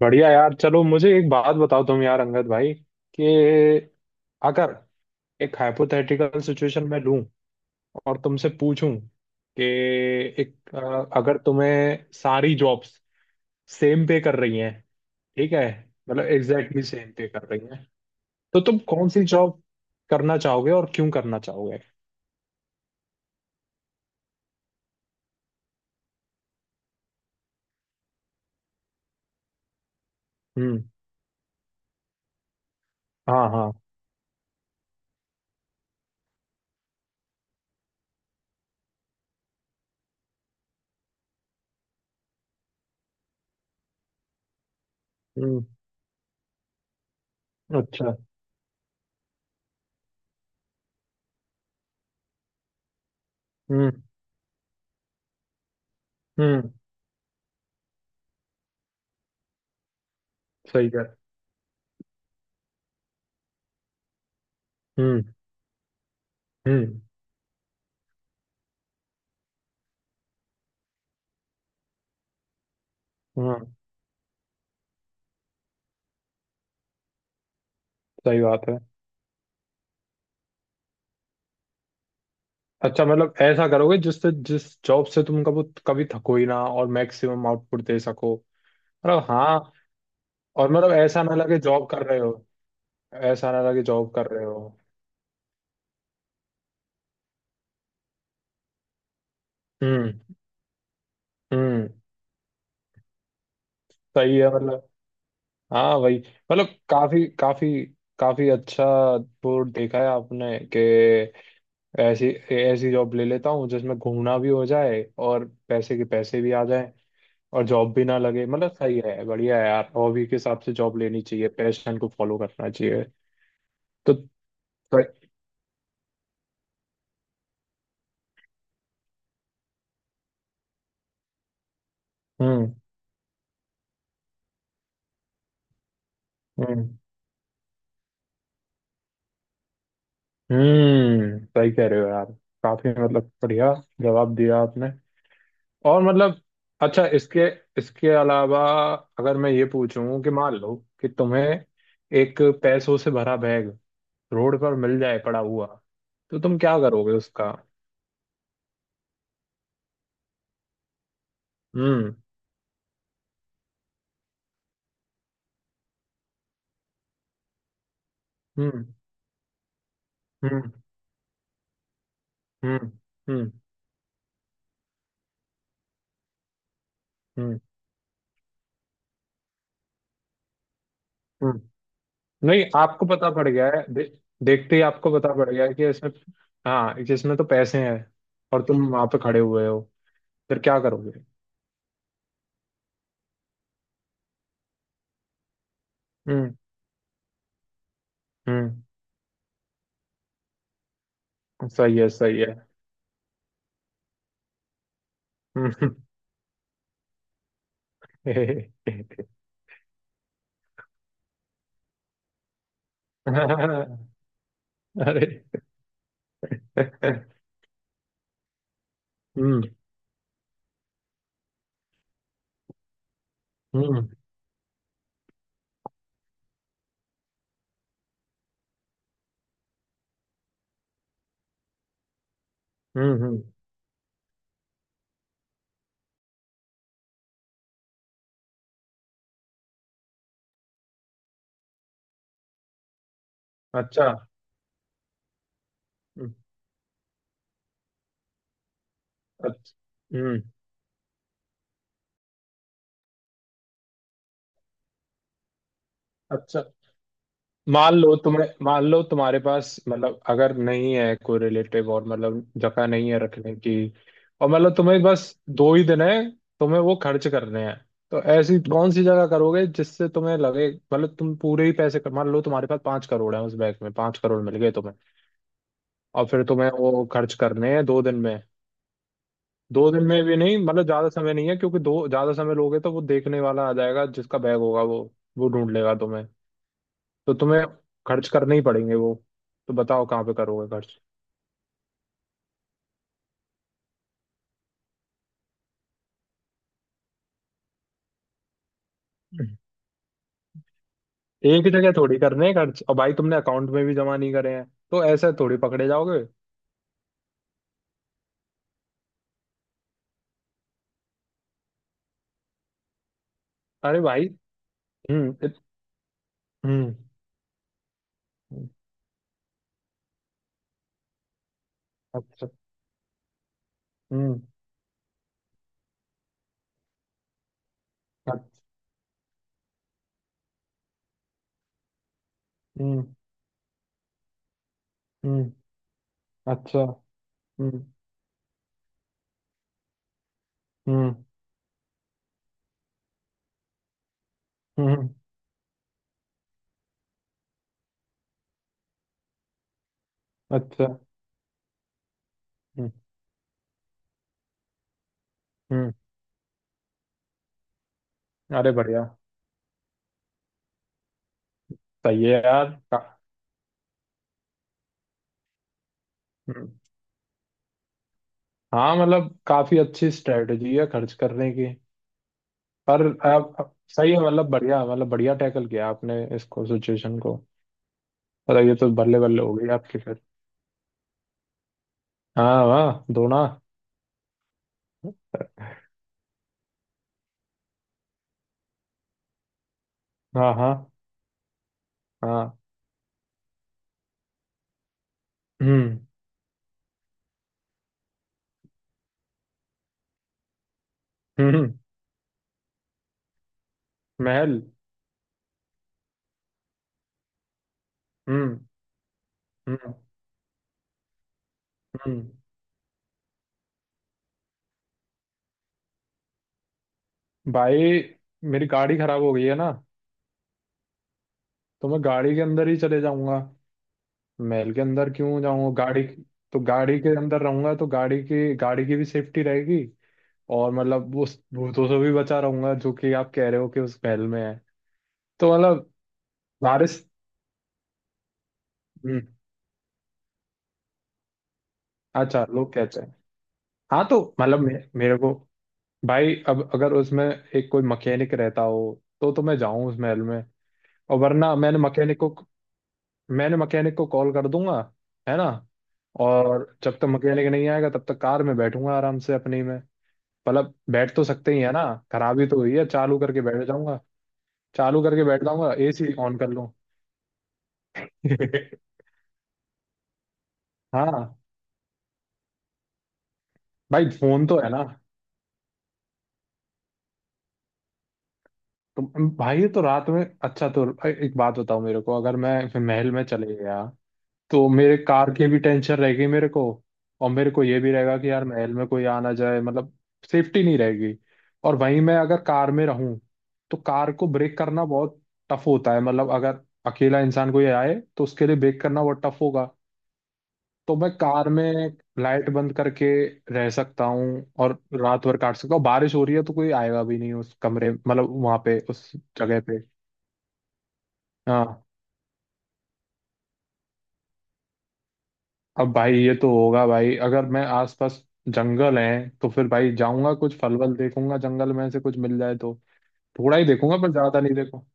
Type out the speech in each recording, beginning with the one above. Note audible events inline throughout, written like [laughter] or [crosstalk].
बढ़िया यार, चलो मुझे एक बात बताओ तुम, यार अंगद भाई, कि अगर एक हाइपोथेटिकल सिचुएशन में लूं और तुमसे पूछूं कि अगर तुम्हें सारी जॉब्स सेम पे कर रही हैं, ठीक है, मतलब एग्जैक्टली सेम पे कर रही हैं, तो तुम कौन सी जॉब करना चाहोगे और क्यों करना चाहोगे। हम्म। हाँ हाँ। हम्म। अच्छा। हम्म। हम्म। सही है। हम्म। हम्म। हम्म। सही बात है। अच्छा, मतलब ऐसा करोगे जिससे जिस जॉब से तुम कभी कभी थको ही ना और मैक्सिमम आउटपुट दे सको। मतलब हाँ। और मतलब ऐसा ना लगे जॉब कर रहे हो। ऐसा ना लगे जॉब कर रहे हो। हम्म। हम्म। सही है मतलब। हाँ वही, मतलब काफी काफी काफी अच्छा बोर्ड देखा है आपने कि ऐसी ऐसी जॉब ले लेता हूँ जिसमें घूमना भी हो जाए और पैसे के पैसे भी आ जाए और जॉब भी ना लगे। मतलब सही है, बढ़िया है यार। हॉबी के हिसाब से जॉब लेनी चाहिए, पैशन को फॉलो करना चाहिए। तो सही। हम्म। हम्म। हम्म। सही कह रहे हो यार। काफी मतलब बढ़िया जवाब दिया आपने। और मतलब अच्छा, इसके इसके अलावा अगर मैं ये पूछूं कि मान लो कि तुम्हें एक पैसों से भरा बैग रोड पर मिल जाए पड़ा हुआ, तो तुम क्या करोगे उसका। हम्म। हम्म। हम्म। हम्म। हम्म। हम्म। हम्म। नहीं, आपको पता पड़ गया है, देखते ही आपको पता पड़ गया है कि इसमें, हाँ, कि इसमें तो पैसे हैं और तुम वहां पे खड़े हुए हो। फिर क्या करोगे। हम्म। हम्म। सही है, सही है। हम्म। [laughs] अरे। हम्म। हम्म। हम्म। हम्म। अच्छा। हम्म। अच्छा। हम्म। अच्छा। मान लो तुम्हें, मान लो तुम्हारे पास, मतलब अगर नहीं है कोई रिलेटिव और मतलब जगह नहीं है रखने की, और मतलब तुम्हें बस दो ही दिन है, तुम्हें वो खर्च करने हैं, तो ऐसी कौन सी जगह करोगे जिससे तुम्हें लगे, मतलब तुम पूरे ही पैसे कर, मान लो तुम्हारे पास 5 करोड़ है, उस बैंक में 5 करोड़ मिल गए तुम्हें, और फिर तुम्हें वो खर्च करने हैं दो दिन में, दो दिन में भी नहीं मतलब, ज्यादा समय नहीं है क्योंकि दो ज्यादा समय लोगे तो वो देखने वाला आ जाएगा, जिसका बैग होगा वो ढूंढ लेगा तुम्हें। तो तुम्हें खर्च करने ही पड़ेंगे वो। तो बताओ कहाँ पे करोगे खर्च। एक ही जगह थोड़ी करने हैं खर्च, और भाई तुमने अकाउंट में भी जमा नहीं करे हैं तो ऐसे थोड़ी पकड़े जाओगे। अरे भाई। हम्म। हम्म। हम्म, अच्छा। हम्म। अच्छा। हम्म। हम्म। अच्छा। हम्म। हम्म। हम्म। अच्छा। हम्म। हम्म। अरे बढ़िया। सही है यार। का, हम्म, हाँ मतलब काफी अच्छी स्ट्रेटजी है खर्च करने की। पर सही है, मतलब बढ़िया, मतलब बढ़िया टैकल किया आपने इसको, सिचुएशन को। मतलब ये तो बल्ले बल्ले हो गई आपकी फिर। हाँ वाह दोना। हाँ हाँ हाँ। हम्म। हम्म। हम्म। महल। हम्म। हम्म। हम्म। भाई, मेरी गाड़ी खराब हो गई है ना, तो मैं गाड़ी के अंदर ही चले जाऊंगा। महल के अंदर क्यों जाऊंगा। गाड़ी, तो गाड़ी के अंदर रहूंगा तो गाड़ी की भी सेफ्टी रहेगी। और मतलब उस भूतों से भी बचा रहूंगा जो कि आप कह रहे हो कि उस महल में है। तो मतलब वारिस। हम्म, अच्छा लोग कहते हैं। हाँ तो मतलब मेरे को, भाई, अब अगर उसमें एक कोई मैकेनिक रहता हो तो मैं जाऊं उस महल में। और वरना मैंने मैकेनिक को कॉल कर दूंगा, है ना। और जब तक मैकेनिक नहीं आएगा तब तक कार में बैठूंगा आराम से अपनी में। मतलब बैठ तो सकते ही है ना। खराबी तो हुई है, चालू करके बैठ जाऊंगा। चालू करके बैठ जाऊंगा, एसी ऑन कर लूं। [laughs] हाँ भाई फोन तो है ना। तो भाई, तो रात में, अच्छा तो एक बात बताओ मेरे को, अगर मैं महल में चले गया तो मेरे कार की भी टेंशन रहेगी मेरे को। और मेरे को ये भी रहेगा कि यार महल में कोई आ ना जाए, मतलब सेफ्टी नहीं रहेगी। और वहीं मैं अगर कार में रहूं तो कार को ब्रेक करना बहुत टफ होता है, मतलब अगर अकेला इंसान कोई आए तो उसके लिए ब्रेक करना बहुत टफ होगा। तो मैं कार में लाइट बंद करके रह सकता हूँ और रात भर काट सकता हूँ। बारिश हो रही है तो कोई आएगा भी नहीं उस कमरे, मतलब वहां पे उस जगह पे। हाँ अब भाई ये तो होगा, भाई अगर मैं आसपास जंगल है तो फिर भाई जाऊंगा कुछ फल वल देखूंगा, जंगल में से कुछ मिल जाए तो। थोड़ा ही देखूंगा पर ज्यादा नहीं देखूंगा।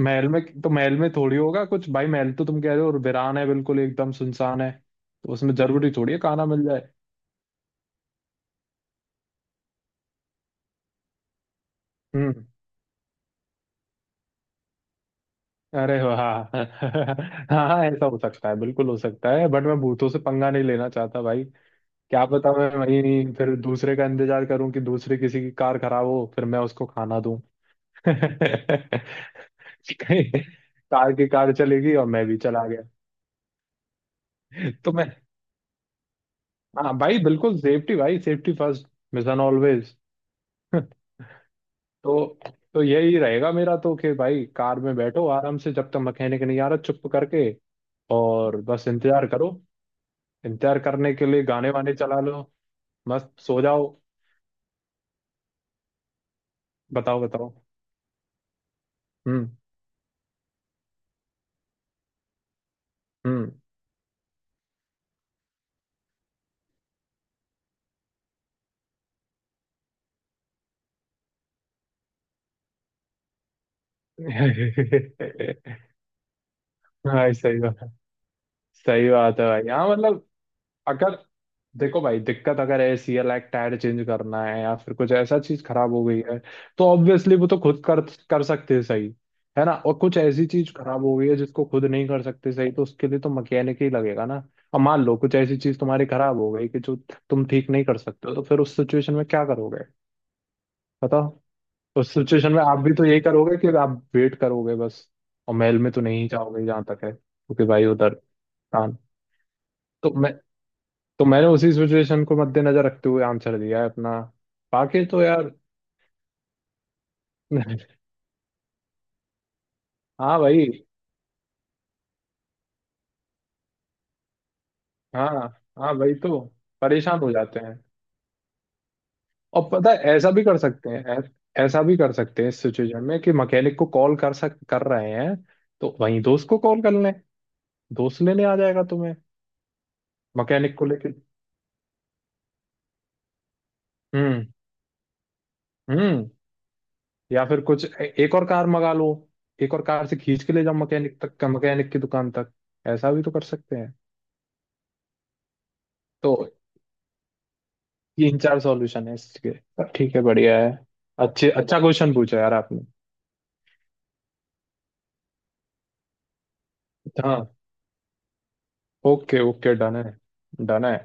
महल में तो, महल में थोड़ी होगा कुछ भाई, महल तो तुम कह रहे हो और वीरान है, बिल्कुल एकदम सुनसान है, तो उसमें जरूरी थोड़ी है खाना मिल जाए। हम्म। अरे वाह, [laughs] हाँ ऐसा हो सकता है, बिल्कुल हो सकता है, बट मैं भूतों से पंगा नहीं लेना चाहता भाई। क्या पता मैं वहीं फिर दूसरे का इंतजार करूं कि दूसरे किसी की कार खराब हो फिर मैं उसको खाना दूं, [laughs] कार की कार चलेगी और मैं भी चला गया। तो मैं, हाँ भाई बिल्कुल सेफ्टी, भाई सेफ्टी फर्स्ट मिशन ऑलवेज। [laughs] तो तो यही रहेगा मेरा तो कि भाई कार में बैठो आराम से जब तक मैकेनिक नहीं आ रहा, चुप करके, और बस इंतजार करो। इंतजार करने के लिए गाने वाने चला लो, मस्त सो जाओ। बताओ, बताओ। हम्म। हम्म। [laughs] भाई सही बात है, सही बात है भाई। हाँ मतलब अगर, देखो भाई, दिक्कत अगर ऐसी है लाइक टायर चेंज करना है या फिर कुछ ऐसा चीज खराब हो गई है तो ऑब्वियसली वो तो खुद कर कर सकते हैं, सही है ना। और कुछ ऐसी चीज खराब हो गई है जिसको खुद नहीं कर सकते सही, तो उसके लिए तो मैकेनिक ही लगेगा ना। और मान लो कुछ ऐसी चीज तुम्हारी खराब हो गई कि जो तुम ठीक नहीं कर सकते हो तो फिर उस सिचुएशन में क्या करोगे। बताओ। उस सिचुएशन में आप भी तो यही करोगे कि आप वेट करोगे बस, और महल में तो नहीं जाओगे जहां तक है, क्योंकि भाई उधर कान, तो मैं तो मैंने उसी सिचुएशन को मद्देनजर रखते हुए आंसर दिया है अपना। बाकी तो यार। [laughs] हाँ भाई। हाँ हाँ भाई तो परेशान हो जाते हैं। और पता है ऐसा भी कर सकते हैं, ऐसा भी कर सकते हैं इस सिचुएशन में कि मैकेनिक को कॉल कर रहे हैं, तो वहीं दोस्त को कॉल कर लें, दोस्त लेने आ जाएगा तुम्हें, मैकेनिक को लेके। हम्म। हम्म। या फिर कुछ एक और कार मंगा लो, एक और कार से खींच के ले जाओ मैकेनिक तक, मैकेनिक की दुकान तक। ऐसा भी तो कर सकते हैं। तो तीन चार सॉल्यूशन है इसके, ठीक है बढ़िया है। अच्छे अच्छा क्वेश्चन पूछा यार आपने। हाँ ओके, ओके, डन है, डन है।